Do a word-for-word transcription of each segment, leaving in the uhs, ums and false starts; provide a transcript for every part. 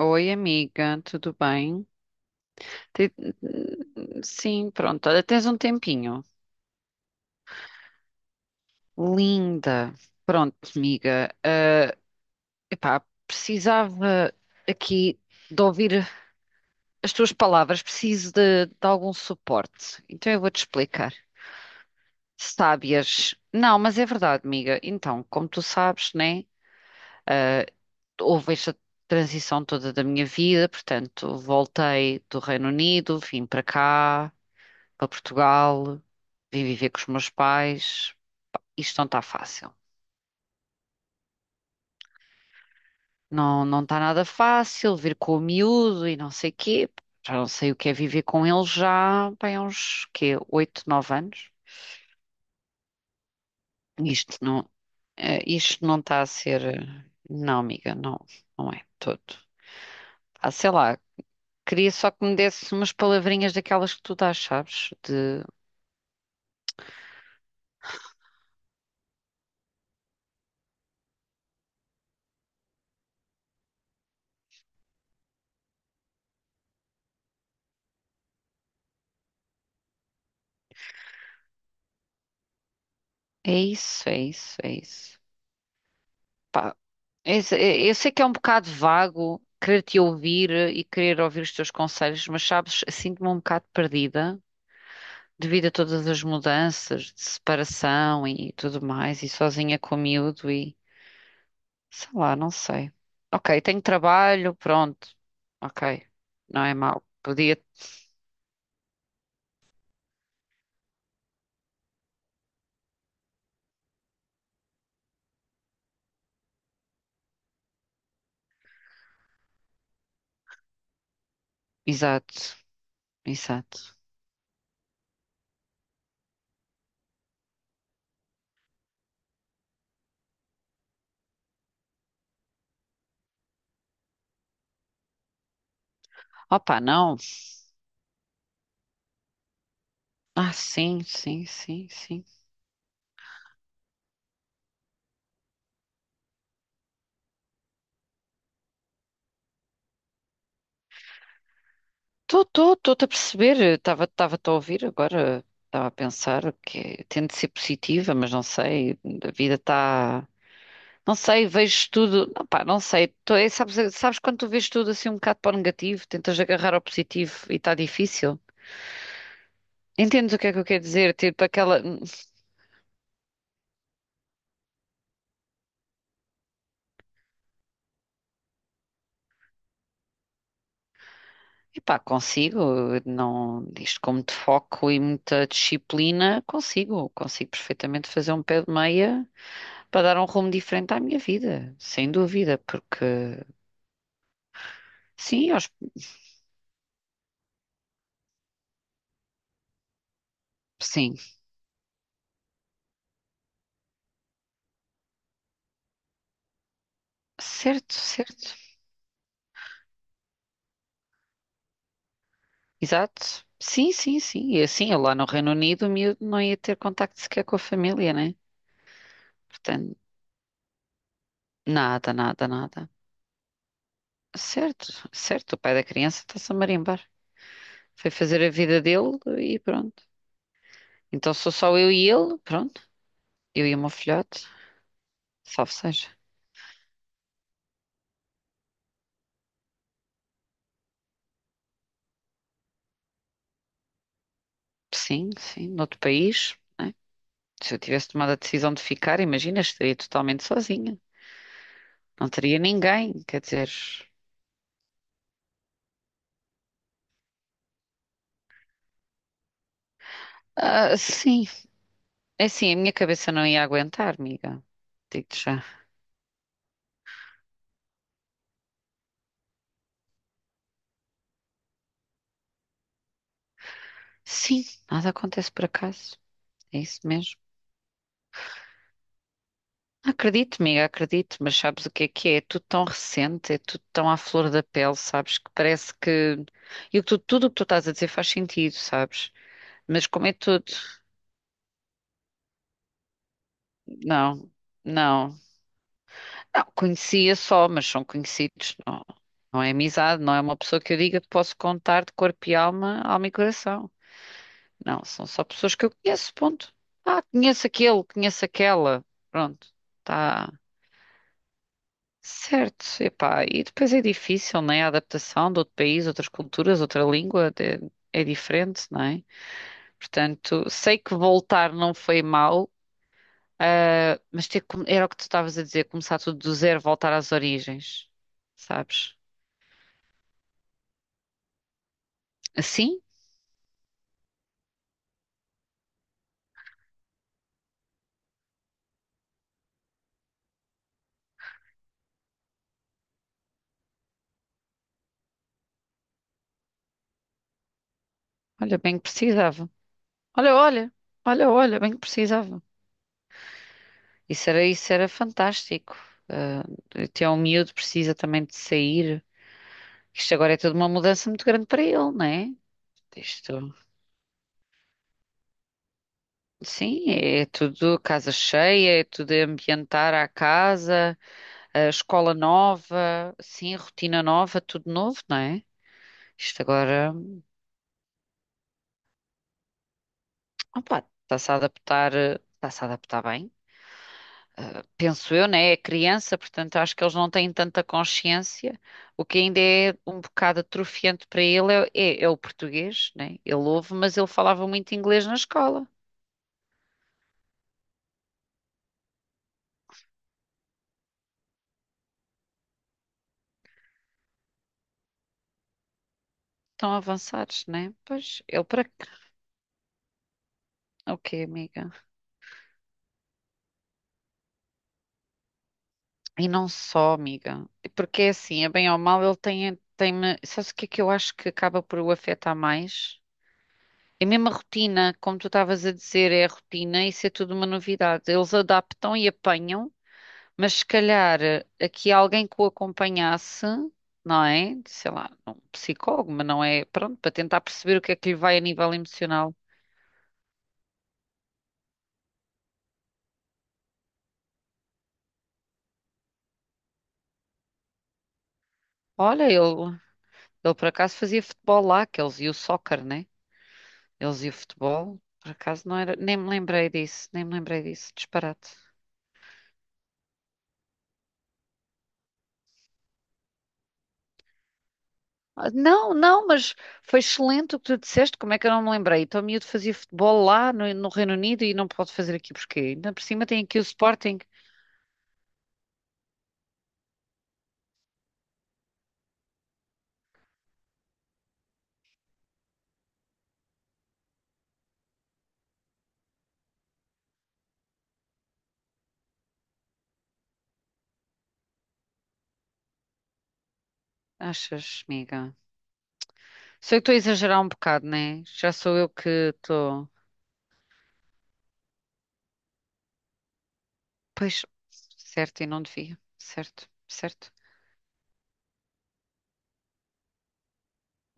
Oi, amiga, tudo bem? Te- Sim, pronto, olha, tens um tempinho. Linda. Pronto, amiga, ah, epá, precisava aqui de ouvir as tuas palavras, preciso de, de algum suporte. Então eu vou-te explicar. Sábias. Não, mas é verdade, amiga. Então, como tu sabes, né? Houve esta transição toda da minha vida, portanto, voltei do Reino Unido, vim para cá. Para Portugal, vim viver com os meus pais. Isto não está fácil. Não, não está nada fácil vir com o miúdo e não sei quê. Já não sei o que é viver com ele já, bem, há uns quê, oito, nove anos. Isto não, eh, isto não está a ser. eh, Não, amiga, não, não é todo. Ah, sei lá, queria só que me desse umas palavrinhas daquelas que tu dás, sabes? De é isso, é isso, é isso. Esse- eh, Eu, sei que é um bocado vago querer te ouvir e querer ouvir os teus conselhos, mas sabes, sinto-me um bocado perdida devido a todas as mudanças de separação e tudo mais, e sozinha com o miúdo e sei lá, não sei. Ok, tenho trabalho, pronto. Ok, não é mau. Podia. Exato, exato. Opa, não. Ah, sim, sim, sim, sim. Estou-te a perceber, estava estava-te a ouvir agora, estava a pensar que tento ser positiva, mas não sei, a vida está. Não sei, vejo tudo. Não, pá, não sei. Tô, é, sabes, sabes quando tu vês tudo assim um bocado para o negativo, tentas agarrar ao positivo e está difícil? Entendes o que é que eu quero dizer? Tipo aquela. Epá, consigo, não, isto com muito foco e muita disciplina, consigo, consigo perfeitamente fazer um pé de meia para dar um rumo diferente à minha vida, sem dúvida, porque. Sim, aos- sim, certo, certo, exato. Sim, sim, sim. E assim, eu lá no Reino Unido, o miúdo não ia ter contacto sequer com a família, né? Portanto, nada, nada, nada. Certo, certo. O pai da criança está-se a marimbar. Foi fazer a vida dele e pronto. Então sou só eu e ele, pronto. Eu e o meu filhote, salve seja. Sim, sim, noutro país, né? Se eu tivesse tomado a decisão de ficar, imagina, estaria totalmente sozinha. Não teria ninguém, quer dizer. Ah, sim. É assim, a minha cabeça não ia aguentar, amiga. Digo-te já. Sim, nada acontece por acaso. É isso mesmo. Acredito, amiga, acredito, mas sabes o que é que é? É tudo tão recente, é tudo tão à flor da pele, sabes? Que parece que. E o que tu- tudo o que tu estás a dizer faz sentido, sabes? Mas como é tudo? Não, não. Não, conhecia só, mas são conhecidos. Não, não é amizade, não é uma pessoa que eu diga que posso contar de corpo e alma, alma e coração. Não, são só pessoas que eu conheço, ponto. Ah, conheço aquele, conheço aquela. Pronto, tá certo. Epá, e depois é difícil, né? A adaptação de outro país, outras culturas, outra língua é, é diferente, não é? Portanto, sei que voltar não foi mau, ah, mas ter, que- era o que tu estavas a dizer, começar tudo do zero, voltar às origens, sabes? Assim, olha, bem que precisava. Olha, olha, olha, olha, bem que precisava. Isso era, isso era fantástico. Ah, até um miúdo precisa também de sair. Isto agora é tudo uma mudança muito grande para ele, não é? Isto, sim, é tudo casa cheia, é tudo ambientar a casa, a escola nova, sim, rotina nova, tudo novo, não é? Isto agora, opa, está-se a adaptar, eh, está-se a adaptar bem. Penso eu, né? É criança, portanto acho que eles não têm tanta consciência. O que ainda é um bocado atrofiante para ele é, é- é o português, né? Ele ouve, mas ele falava muito inglês na escola. Tão avançados, né? Pois, ele para quê? Ok, amiga. E não só, amiga. Porque é assim, é bem ou mal, ele tem, tem... Sabes o que é que eu acho que acaba por o afetar mais? É mesmo a rotina, como tu estavas a dizer, é a rotina, isso é tudo uma novidade. Eles adaptam e apanham. Mas se calhar eh, aqui alguém que o acompanhasse, não é? Sei lá, um psicólogo, mas não é. Pronto, para tentar perceber o que é que lhe vai a nível emocional. Olha, ele, ele por acaso fazia futebol lá, que eles iam o soccer, né? Eles iam o futebol. Por acaso não era. Nem me lembrei disso, nem me lembrei disso. Disparate. Ah, Não, não, mas foi excelente o que tu disseste. Como é que eu não me lembrei? Então, o miúdo fazia futebol lá no, no Reino Unido e não pode fazer aqui porquê? Ainda por cima tem aqui o Sporting. Achas, amiga? Sei que estou a exagerar um bocado, né? Já sou eu que estou. Pois, certo, e não devia. Certo, certo,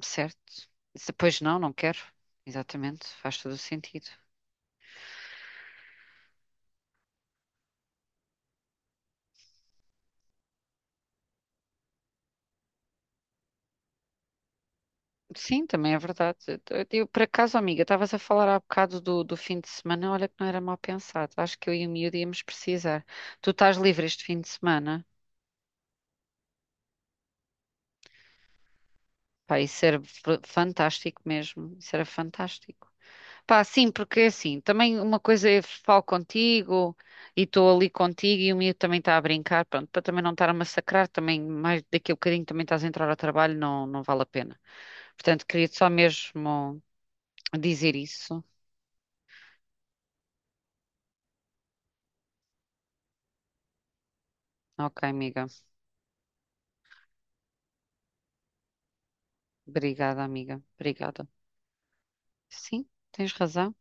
certo. Se- Pois não, não quero. Exatamente, faz todo o sentido. Sim, também é verdade. Eu, eu- por acaso, amiga, estavas a falar há bocado do, do fim de semana. Olha que não era mal pensado. Acho que eu e o miúdo íamos precisar. Tu estás livre este fim de semana? Pá, isso era f- fantástico mesmo. Isso era fantástico. Pá, sim, porque é assim, também uma coisa é falo contigo e estou ali contigo e o miúdo também está a brincar, pronto, para também não estar a massacrar, também mais daqui a bocadinho também estás a entrar ao trabalho, não, não vale a pena. Portanto, queria só mesmo dizer isso. Ok, amiga. Obrigada, amiga. Obrigada. Sim, tens razão.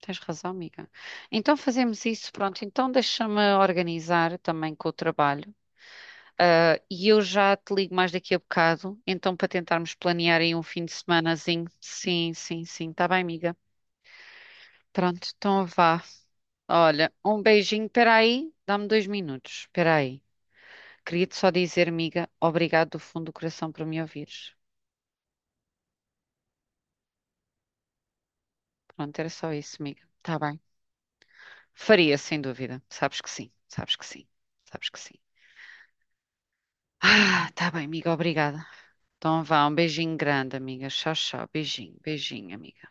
Tens razão, amiga. Então fazemos isso, pronto. Então deixa-me organizar também com o trabalho. E eu já te ligo mais daqui a bocado, então para tentarmos planear aí um fim de semanazinho. Sim, sim, sim, tá bem, amiga. Pronto, então vá. Olha, um beijinho, peraí, dá-me dois minutos, peraí. Queria-te só dizer, amiga, obrigado do fundo do coração por me ouvires. Pronto, era só isso, amiga. Tá bem. Faria, sem dúvida. Sabes que sim, sabes que sim, sabes que sim. Ah, tá bem, amiga, obrigada. Então vá, um beijinho grande, amiga. Tchau, tchau. Beijinho, beijinho, amiga.